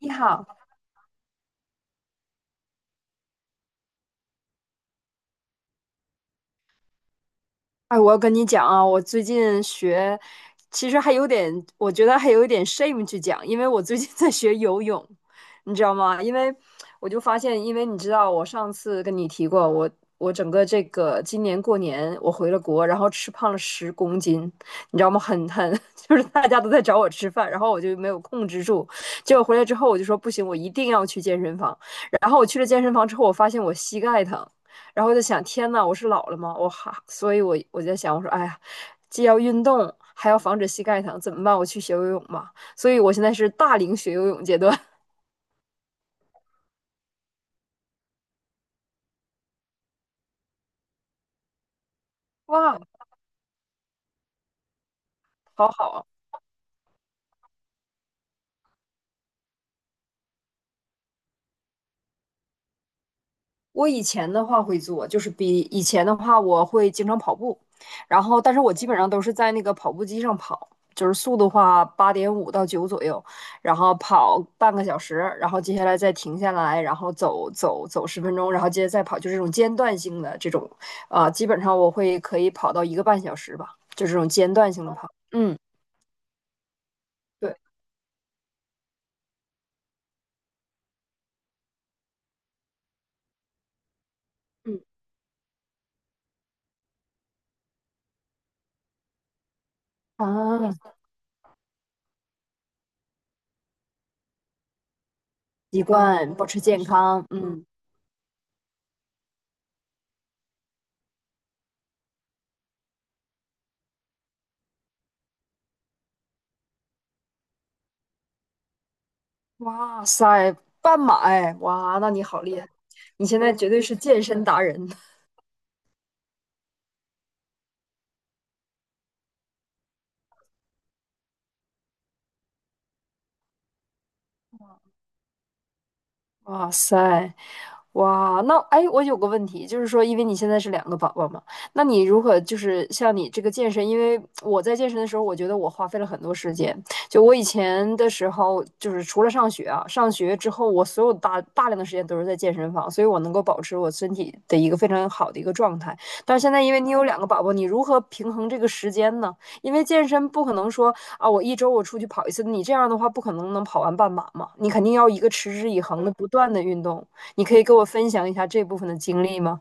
你好。哎，我要跟你讲啊，我最近学，其实还有点，我觉得还有一点 shame 去讲，因为我最近 在学游泳，你知道吗？因为我就发现，因为你知道，我上次跟你提过，我整个这个今年过年我回了国，然后吃胖了10公斤，你知道吗？就是大家都在找我吃饭，然后我就没有控制住，结果回来之后我就说不行，我一定要去健身房，然后我去了健身房之后，我发现我膝盖疼。然后就想，天呐，我是老了吗？所以我就在想，我说，哎呀，既要运动，还要防止膝盖疼，怎么办？我去学游泳吧。所以我现在是大龄学游泳阶段。哇，好好啊！我以前的话会做，就是比以前的话，我会经常跑步，然后但是我基本上都是在那个跑步机上跑，就是速度的话8.5到9左右，然后跑半个小时，然后接下来再停下来，然后走十分钟，然后接着再跑，就是这种间断性的这种。啊、基本上我会可以跑到一个半小时吧，就这种间断性的跑。嗯，对，嗯啊，习惯保持健康。嗯。哇塞，半马哎，哇，那你好厉害，你现在绝对是健身达人。哇塞，哇，那哎，我有个问题，就是说，因为你现在是两个宝宝嘛，那你如何就是像你这个健身？因为我在健身的时候，我觉得我花费了很多时间。就我以前的时候，就是除了上学啊，上学之后，我所有大量的时间都是在健身房，所以我能够保持我身体的一个非常好的一个状态。但是现在，因为你有两个宝宝，你如何平衡这个时间呢？因为健身不可能说啊，我一周我出去跑一次，你这样的话不可能能跑完半马嘛，你肯定要一个持之以恒的不断的运动。你可以给我分享一下这部分的经历吗？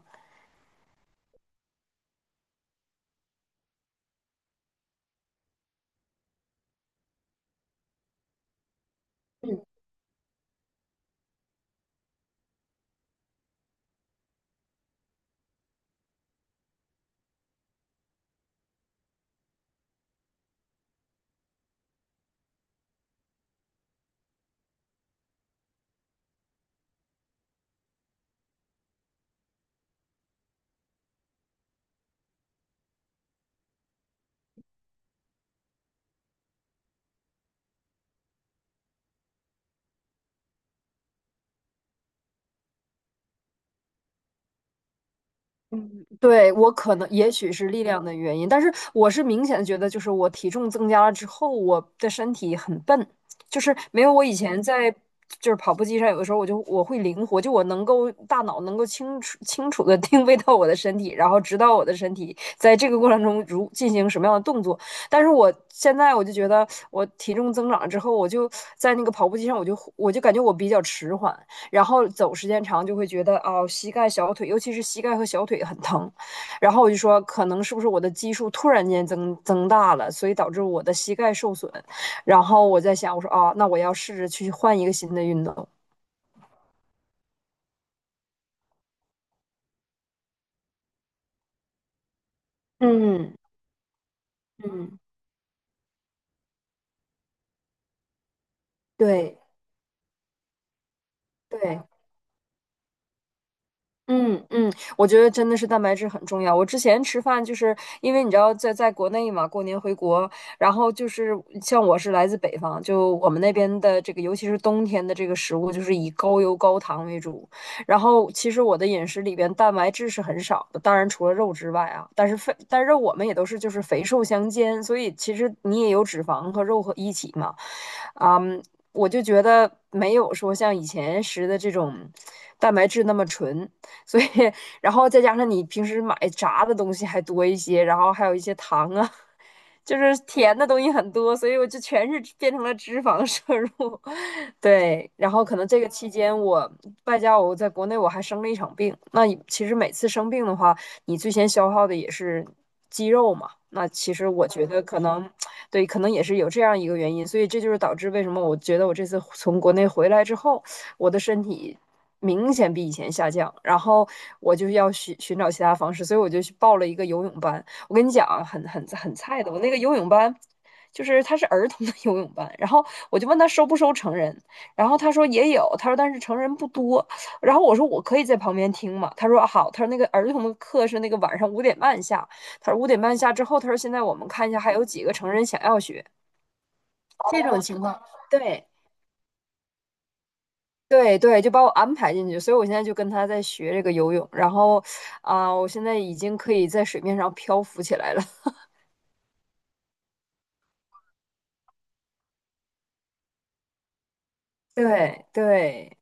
对，我可能也许是力量的原因，但是我是明显地觉得，就是我体重增加了之后，我的身体很笨，就是没有我以前在就是跑步机上，有的时候我会灵活，就我能够大脑能够清楚清楚的 定位到我的身体，然后知道我的身体在这个过程中如进行什么样的动作。但是我现在我就觉得我体重增长了之后，我就在那个跑步机上，我感觉我比较迟缓，然后走时间长就会觉得哦，膝盖、小腿，尤其是膝盖和小腿很疼。然后我就说，可能是不是我的基数突然间增大了，所以导致我的膝盖受损。然后我在想，我说啊，那我要试着去换一个新的运动。嗯嗯，对对，嗯嗯，我觉得真的是蛋白质很重要。我之前吃饭就是因为你知道在国内嘛，过年回国，然后就是像我是来自北方，就我们那边的这个，尤其是冬天的这个食物，就是以高油高糖为主。然后其实我的饮食里边蛋白质是很少的，当然除了肉之外啊，但是肥，但是我们也都是就是肥瘦相间，所以其实你也有脂肪和肉和一起嘛。啊，嗯，我就觉得没有说像以前吃的这种蛋白质那么纯。所以然后再加上你平时买炸的东西还多一些，然后还有一些糖啊，就是甜的东西很多，所以我就全是变成了脂肪摄入。对，然后可能这个期间我外加我在国内我还生了一场病，那其实每次生病的话，你最先消耗的也是肌肉嘛，那其实我觉得可能。对，可能也是有这样一个原因，所以这就是导致为什么我觉得我这次从国内回来之后，我的身体明显比以前下降，然后我就要寻找其他方式，所以我就去报了一个游泳班。我跟你讲啊，很菜的，我那个游泳班。就是他是儿童的 游泳班，然后我就问他收不收成人，然后他说也有，他说但是成人不多，然后我说我可以在旁边听嘛，他说啊好，他说那个儿童的课是那个晚上五点半下，他说五点半下之后，他说现在我们看一下还有几个成人想要学这种情况。对对对，就把我安排进去，所以我现在就跟他在学这个游泳，然后啊、我现在已经可以在水面上漂浮起来了。对对，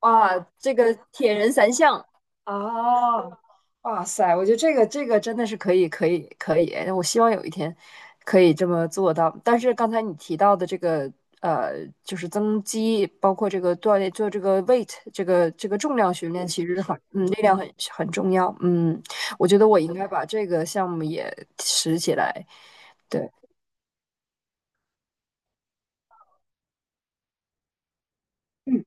哇，这个铁人三项，啊！哇塞，我觉得这个这个真的是可以可以可以，哎我希望有一天可以这么做到。但是刚才你提到的这个就是增肌，包括这个锻炼，做这个 weight 这个这个重量训练，其实很嗯，力量很很重要。嗯，我觉得我应该把这个项目也拾起来。对，嗯，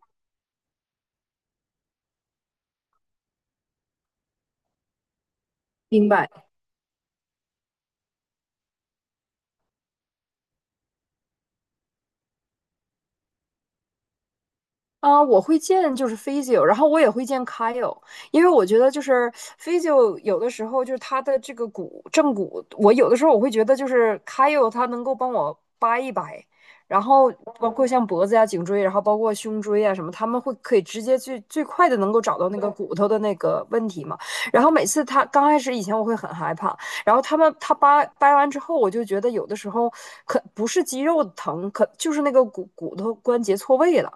明白。啊、我会见就是 p h y i o 然后我也会见 Kyle,因为我觉得就是 p h y i o 有的时候就是他的这个骨正骨，我有的时候我会觉得就是 Kyle 他能够帮我掰一掰，然后包括像脖子呀、颈椎，然后包括胸椎啊什么，他们会可以直接最快的能够找到那个骨头的那个问题嘛。然后每次他刚开始以前我会很害怕，然后他们他掰完之后，我就觉得有的时候可不是肌肉疼，可就是那个骨头关节错位了。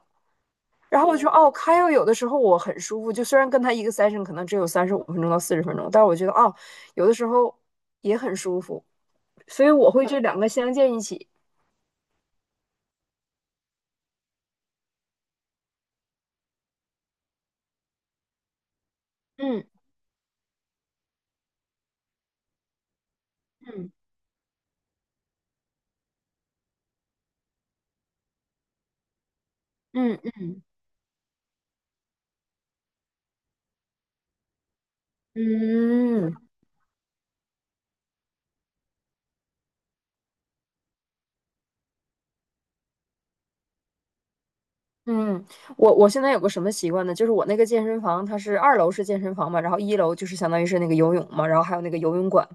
然后我就哦 k y 有的时候我很舒服，就虽然跟他一个 session 可能只有35分钟到40分钟，但是我觉得哦，有的时候也很舒服，所以我会这两个相间一起。嗯嗯嗯嗯，嗯，我我现在有个什么习惯呢？就是我那个健身房，它是二楼是健身房嘛，然后一楼就是相当于是那个游泳嘛，然后还有那个游泳馆，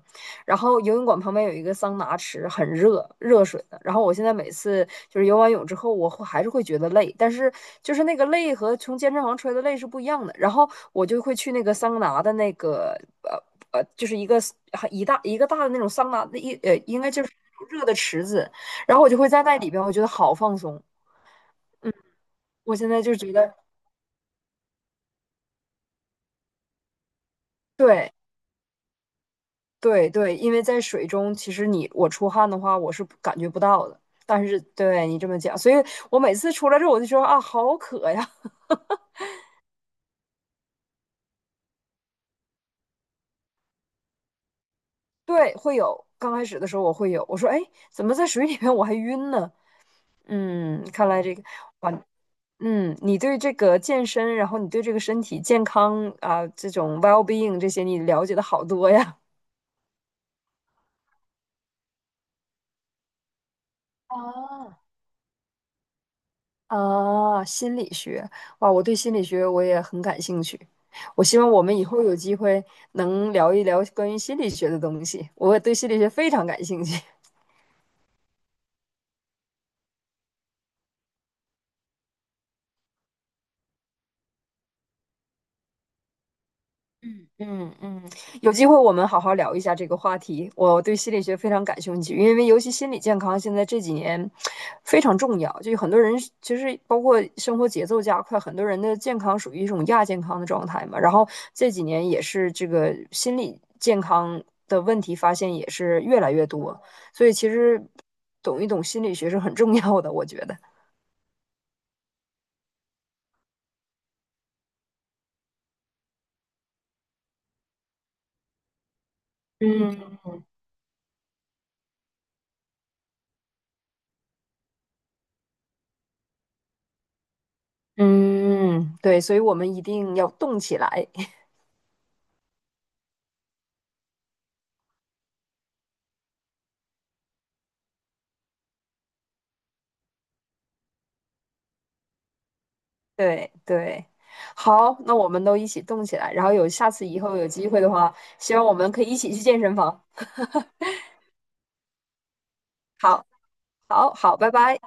然后游泳馆旁边有一个桑拿池，很热，热水的。然后我现在每次就是游完泳之后，我会还是会觉得累，但是就是那个累和从健身房出来的累是不一样的。然后我就会去那个桑拿的那个就是一个一个大的那种桑拿，的，应该就是那种热的池子，然后我就会在那里边，我觉得好放松。嗯，我现在就觉得。对对对，因为在水中，其实你我出汗的话，我是感觉不到的。但是对你这么讲，所以我每次出来之后，我就说啊，好渴呀。对，会有。刚开始的时候我会有，我说哎，怎么在水里面我还晕呢？嗯，看来这个，哇，嗯，你对这个健身，然后你对这个身体健康啊，这种 well being 这些，你了解的好多呀。啊，啊，心理学，哇，我对心理学我也很感兴趣。我希望我们以后有机会能聊一聊关于心理学的东西，我对心理学非常感兴趣。嗯嗯，有机会我们好好聊一下这个话题。我对心理学非常感兴趣，因为尤其心理健康现在这几年非常重要。就有很多人其实包括生活节奏加快，很多人的健康属于一种亚健康的状态嘛。然后这几年也是这个心理健康的问题发现也是越来越多，所以其实懂一懂心理学是很重要的，我觉得。嗯嗯，对，所以我们一定要动起来。对对，好，那我们都一起动起来，然后有下次以后有机会的话，希望我们可以一起去健身房。好，好，好，拜拜。